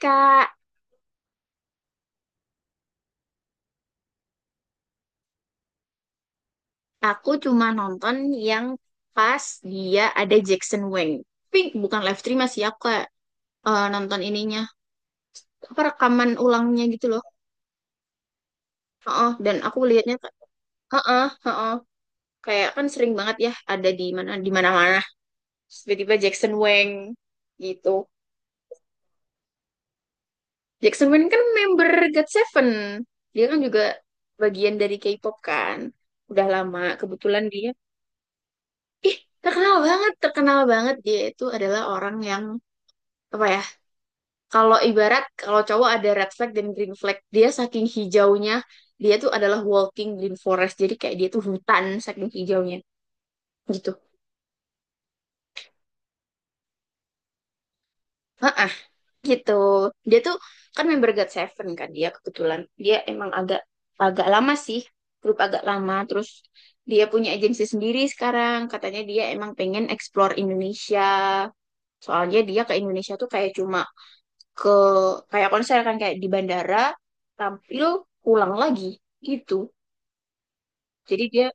Kak, aku cuma nonton yang pas dia ada Jackson Wang. Tapi bukan live stream sih, aku kayak nonton ininya. Apa rekaman ulangnya gitu loh. Heeh, dan aku lihatnya kayak, heeh, heeh. Kayak kan sering banget ya ada di mana-mana. Terus tiba-tiba Jackson Wang gitu. Jackson Wang kan member God Seven. Dia kan juga bagian dari K-pop kan. Udah lama kebetulan dia. Ih, terkenal banget, terkenal banget, dia itu adalah orang yang apa ya, kalau ibarat kalau cowok ada red flag dan green flag, dia saking hijaunya, dia tuh adalah walking green forest, jadi kayak dia tuh hutan saking hijaunya gitu. Heeh, gitu, dia tuh kan member God Seven kan, dia kebetulan dia emang agak agak lama sih, grup agak lama. Terus dia punya agensi sendiri sekarang, katanya dia emang pengen explore Indonesia, soalnya dia ke Indonesia tuh kayak cuma ke kayak konser kan, kayak di bandara tampil pulang lagi gitu. Jadi dia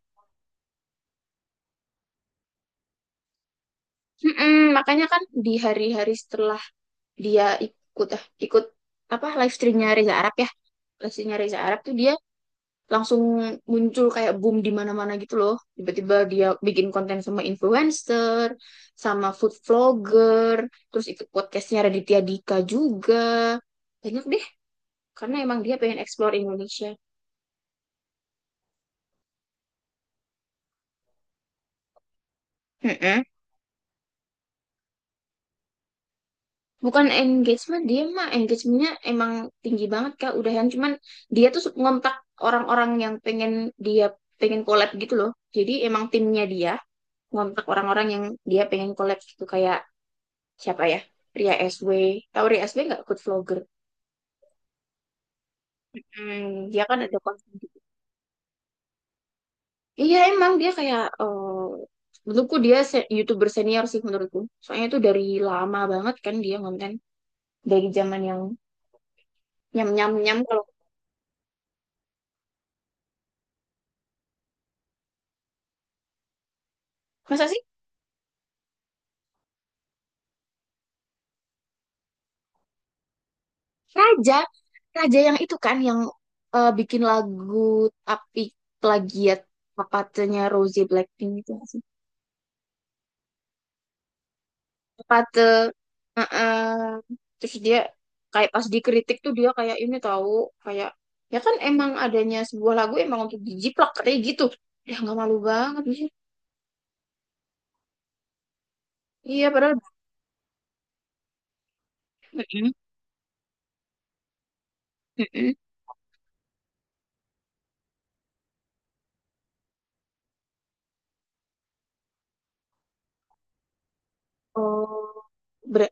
mm-mm, makanya kan di hari-hari setelah dia ikut ikut apa live streamnya Reza Arab ya, live streamnya Reza Arab tuh dia langsung muncul kayak boom di mana-mana gitu loh, tiba-tiba dia bikin konten sama influencer, sama food vlogger, terus ikut podcastnya Raditya Dika juga, banyak deh, karena emang dia pengen explore Indonesia. Mm-mm. Bukan engagement, dia mah engagementnya emang tinggi banget Kak, udahan. Cuman dia tuh ngontak orang-orang yang pengen dia pengen collab gitu loh. Jadi emang timnya dia ngontak orang-orang yang dia pengen collab, gitu kayak siapa ya? Ria SW. Tahu Ria SW nggak? Good vlogger. Hmm, dia kan ada konten gitu. Iya emang dia kayak menurutku dia YouTuber senior sih menurutku. Soalnya tuh dari lama banget kan dia konten dari zaman yang nyam nyam nyam kalau masa sih. Raja, Raja yang itu kan yang bikin lagu tapi plagiat papatenya Rosé Blackpink itu nggak sih? Papate, eh, terus dia kayak pas dikritik tuh dia kayak ini tahu kayak ya kan emang adanya sebuah lagu emang untuk dijiplak katanya gitu. Ya nggak malu banget sih. Iya padahal. Mm-mm, mm-mm. Oh, ber-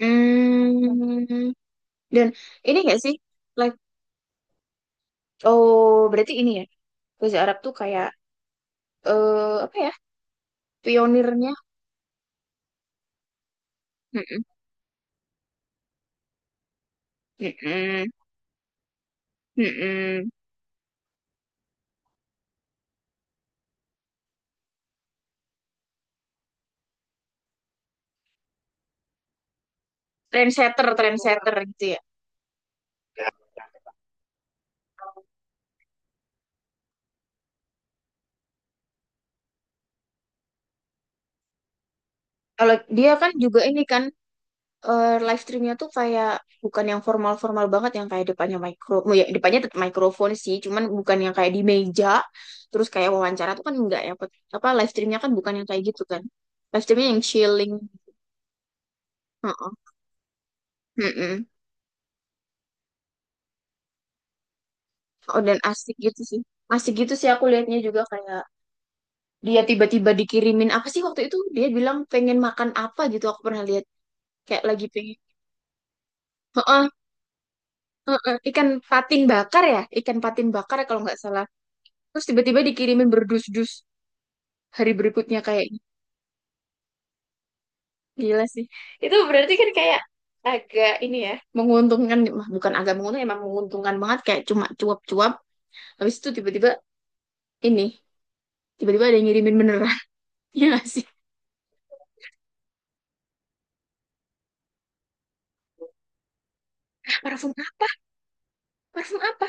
mm. Dan ini nggak sih? Like, oh berarti ini ya bahasa Arab tuh kayak eh apa ya? Pionirnya mm-mm, mm-mm, mm-mm, trendsetter trendsetter gitu ya. Kalau dia kan juga ini kan live streamnya tuh kayak bukan yang formal-formal banget yang kayak depannya mikro, oh ya depannya tetap mikrofon sih, cuman bukan yang kayak di meja terus kayak wawancara tuh kan enggak ya. Apa live streamnya kan bukan yang kayak gitu kan, live streamnya yang chilling. Heeh, heeh, oh dan asik gitu sih, asik gitu sih aku liatnya juga kayak dia tiba-tiba dikirimin apa sih waktu itu dia bilang pengen makan apa gitu aku pernah lihat kayak lagi pengen. Heeh, heeh. Ikan patin bakar ya, ikan patin bakar ya kalau nggak salah. Terus tiba-tiba dikirimin berdus-dus hari berikutnya, kayak gila sih. Itu berarti kan kayak agak ini ya, menguntungkan. Mah, bukan agak menguntungkan, emang menguntungkan banget, kayak cuma cuap-cuap habis itu tiba-tiba ini, tiba-tiba ada yang ngirimin beneran ya nggak sih. Parfum apa, parfum apa.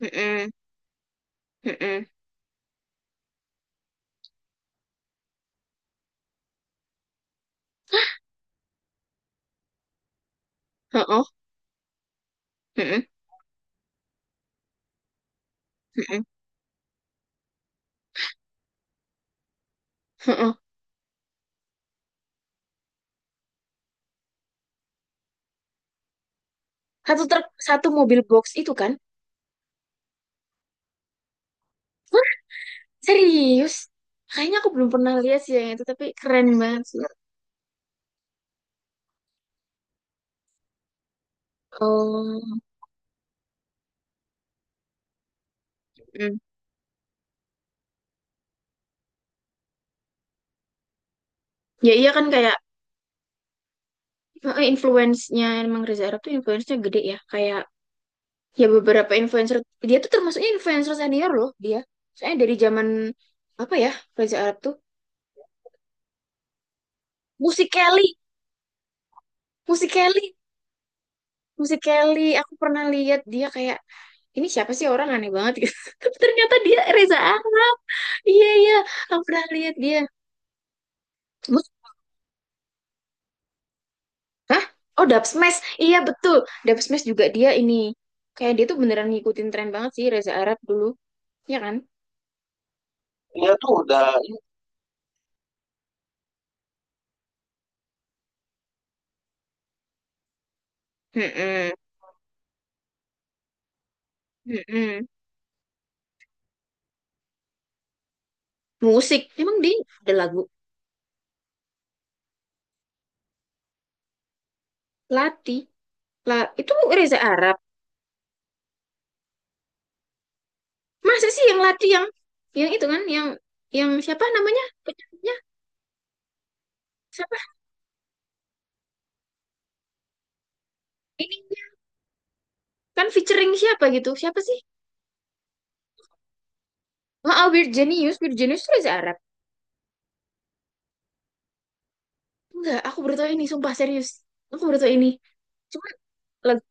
Heeh, heeh, heeh, heeh, heeh, heeh. Satu truk, satu mobil box itu kan. Serius? Kayaknya aku belum pernah lihat sih yang itu, tapi keren banget sih. Oh, mm. Ya iya kan kayak influence-nya emang Reza Arab tuh influence-nya gede ya. Kayak ya beberapa influencer, dia tuh termasuknya influencer senior loh dia. Soalnya dari zaman apa ya Reza Arab tuh? Musik Kelly, musik Kelly, musik Kelly. Aku pernah lihat dia kayak ini siapa sih orang aneh banget gitu. Tapi ternyata dia Reza Arab. Iya iya, aku pernah lihat dia. Hah? Oh, Dub Smash. Iya, betul. Dub Smash juga dia ini. Kayak dia tuh beneran ngikutin tren banget sih Reza Arab dulu. Iya kan? Dia tuh udah mm-mm. Mm-mm. Musik. Emang dia ada lagu Lati. La itu Reza Arab. Masa sih yang Lati, yang itu kan yang siapa namanya? Penyanyinya siapa? Ini kan featuring siapa gitu? Siapa sih? Maaf, Weird Genius. Weird Genius itu Reza Arab. Enggak, aku baru tahu ini, sumpah serius. Aku baru tahu ini. Cuma lagu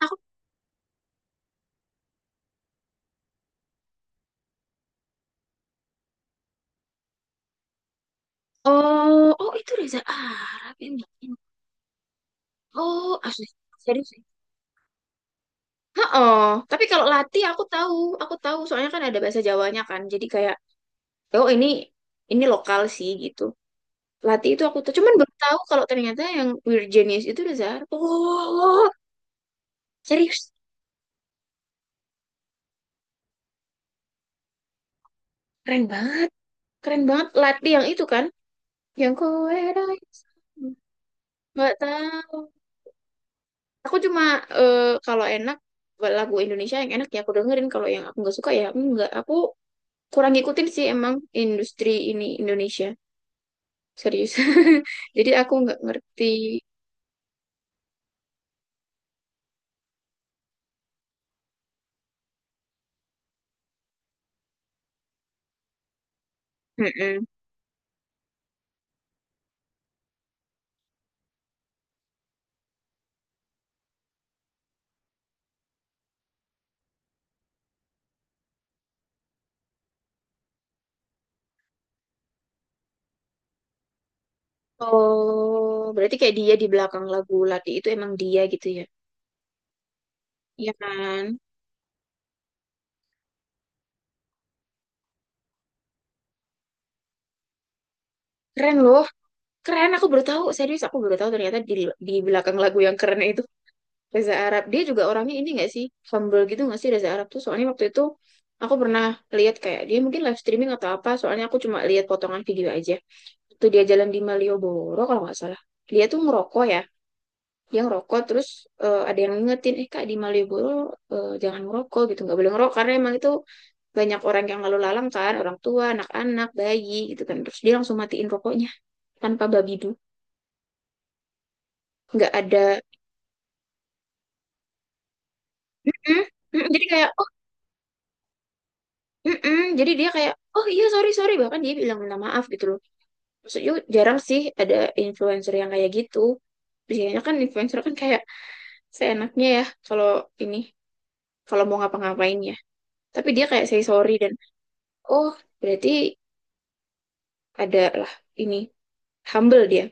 oh, oh, oh itu Reza Arab yang bikin. Oh, asli. Serius sih. Oh, tapi kalau Lati aku tahu soalnya kan ada bahasa Jawanya kan. Jadi kayak oh ini lokal sih gitu. Lati itu aku tuh cuman baru tahu kalau ternyata yang Weird Genius itu Reza Arab. Oh, oh, serius. Keren banget. Keren banget Lati yang itu kan. Yang kowe rasakan. Nggak tahu. Aku cuma eh, kalau enak lagu Indonesia yang enak ya aku dengerin, kalau yang aku nggak suka ya enggak, aku kurang ngikutin sih emang industri ini Indonesia, serius jadi aku nggak ngerti. Mm-mm. Oh berarti kayak dia di belakang lagu Lati itu emang dia gitu ya. Iya kan, keren loh, keren. Aku baru tahu, serius, aku baru tahu ternyata di belakang lagu yang keren itu Reza Arab. Dia juga orangnya ini nggak sih, humble gitu nggak sih Reza Arab tuh? Soalnya waktu itu aku pernah lihat kayak dia mungkin live streaming atau apa, soalnya aku cuma lihat potongan video aja waktu dia jalan di Malioboro kalau nggak salah. Dia tuh ngerokok ya, dia ngerokok. Terus ada yang ngingetin eh kak di Malioboro jangan ngerokok gitu, nggak boleh ngerokok karena emang itu banyak orang yang lalu lalang kan, orang tua anak-anak bayi gitu kan. Terus dia langsung matiin rokoknya tanpa babidu, nggak ada "Mm-mm, mm-mm." Jadi kayak oh mm-mm." Jadi dia kayak oh iya sorry sorry, bahkan dia bilang minta maaf gitu loh. Maksudnya jarang sih ada influencer yang kayak gitu. Biasanya kan influencer kan kayak seenaknya ya kalau ini kalau mau ngapa-ngapain ya. Tapi dia kayak say sorry dan oh berarti adalah ini humble dia,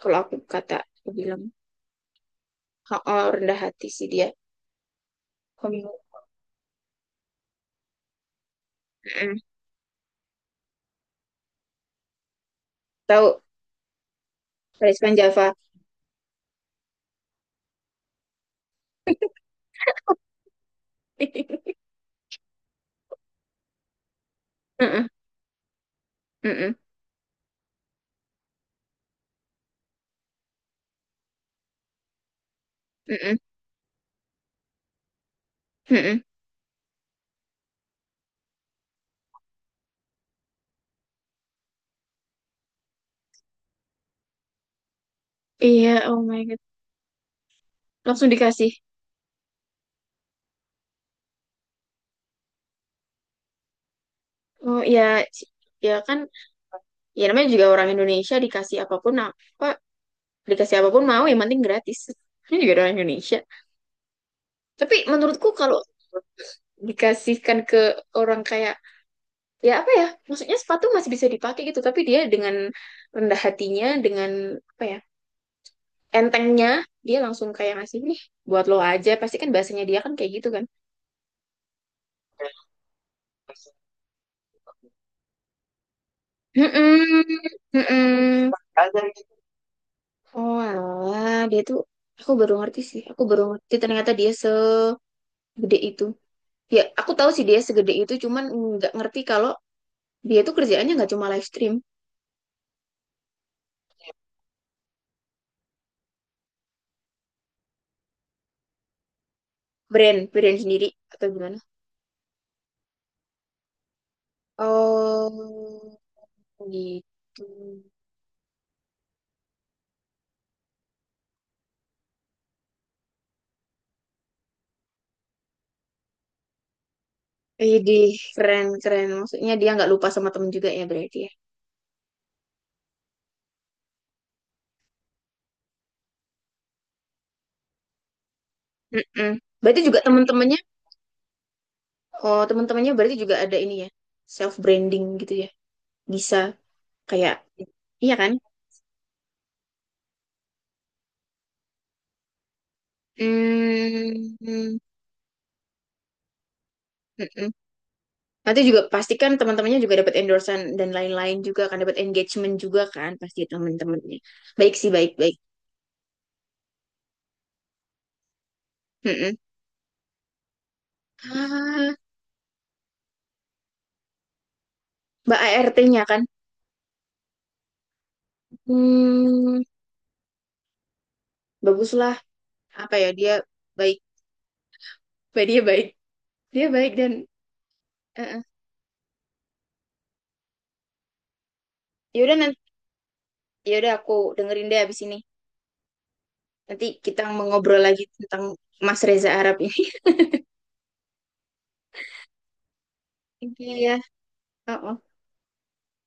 kalau aku kata aku bilang oh, oh, rendah hati sih dia. Humble. Tahu Rizwan Java mm-mm, mm-mm, mm-mm, mm-mm. Iya oh my god, langsung dikasih. Oh ya, ya kan, ya namanya juga orang Indonesia dikasih apapun apa, dikasih apapun mau yang penting gratis ini juga orang Indonesia. Tapi menurutku kalau dikasihkan ke orang kayak ya apa ya, maksudnya sepatu masih bisa dipakai gitu, tapi dia dengan rendah hatinya, dengan apa ya entengnya, dia langsung kayak ngasih nih buat lo aja, pasti kan bahasanya dia kan kayak gitu kan. Mm-mm, mm-mm. Oh alah dia tuh, aku baru ngerti sih, aku baru ngerti ternyata dia segede itu. Ya aku tahu sih dia segede itu, cuman nggak ngerti kalau dia tuh kerjaannya nggak cuma live stream. Brand brand sendiri atau gimana? Oh gitu. Idih, keren keren. Maksudnya dia nggak lupa sama temen juga ya berarti ya. Mm-mm. Berarti juga temen-temennya, oh temen-temennya berarti juga ada ini ya, self branding gitu ya. Bisa kayak, iya kan? Hmm, mm-mm. Nanti juga pastikan teman-temannya juga dapat endorsement dan lain-lain juga kan, dapat engagement juga kan pasti teman-temannya. Baik sih, baik baik. Mm-mm. Ah, Mbak ART-nya kan, hmm, baguslah apa ya dia baik, dia baik, dia baik dan eh, yaudah nanti, yaudah aku dengerin deh abis ini. Nanti kita ngobrol lagi tentang Mas Reza Arab ini. Iya ya. Oh, oh.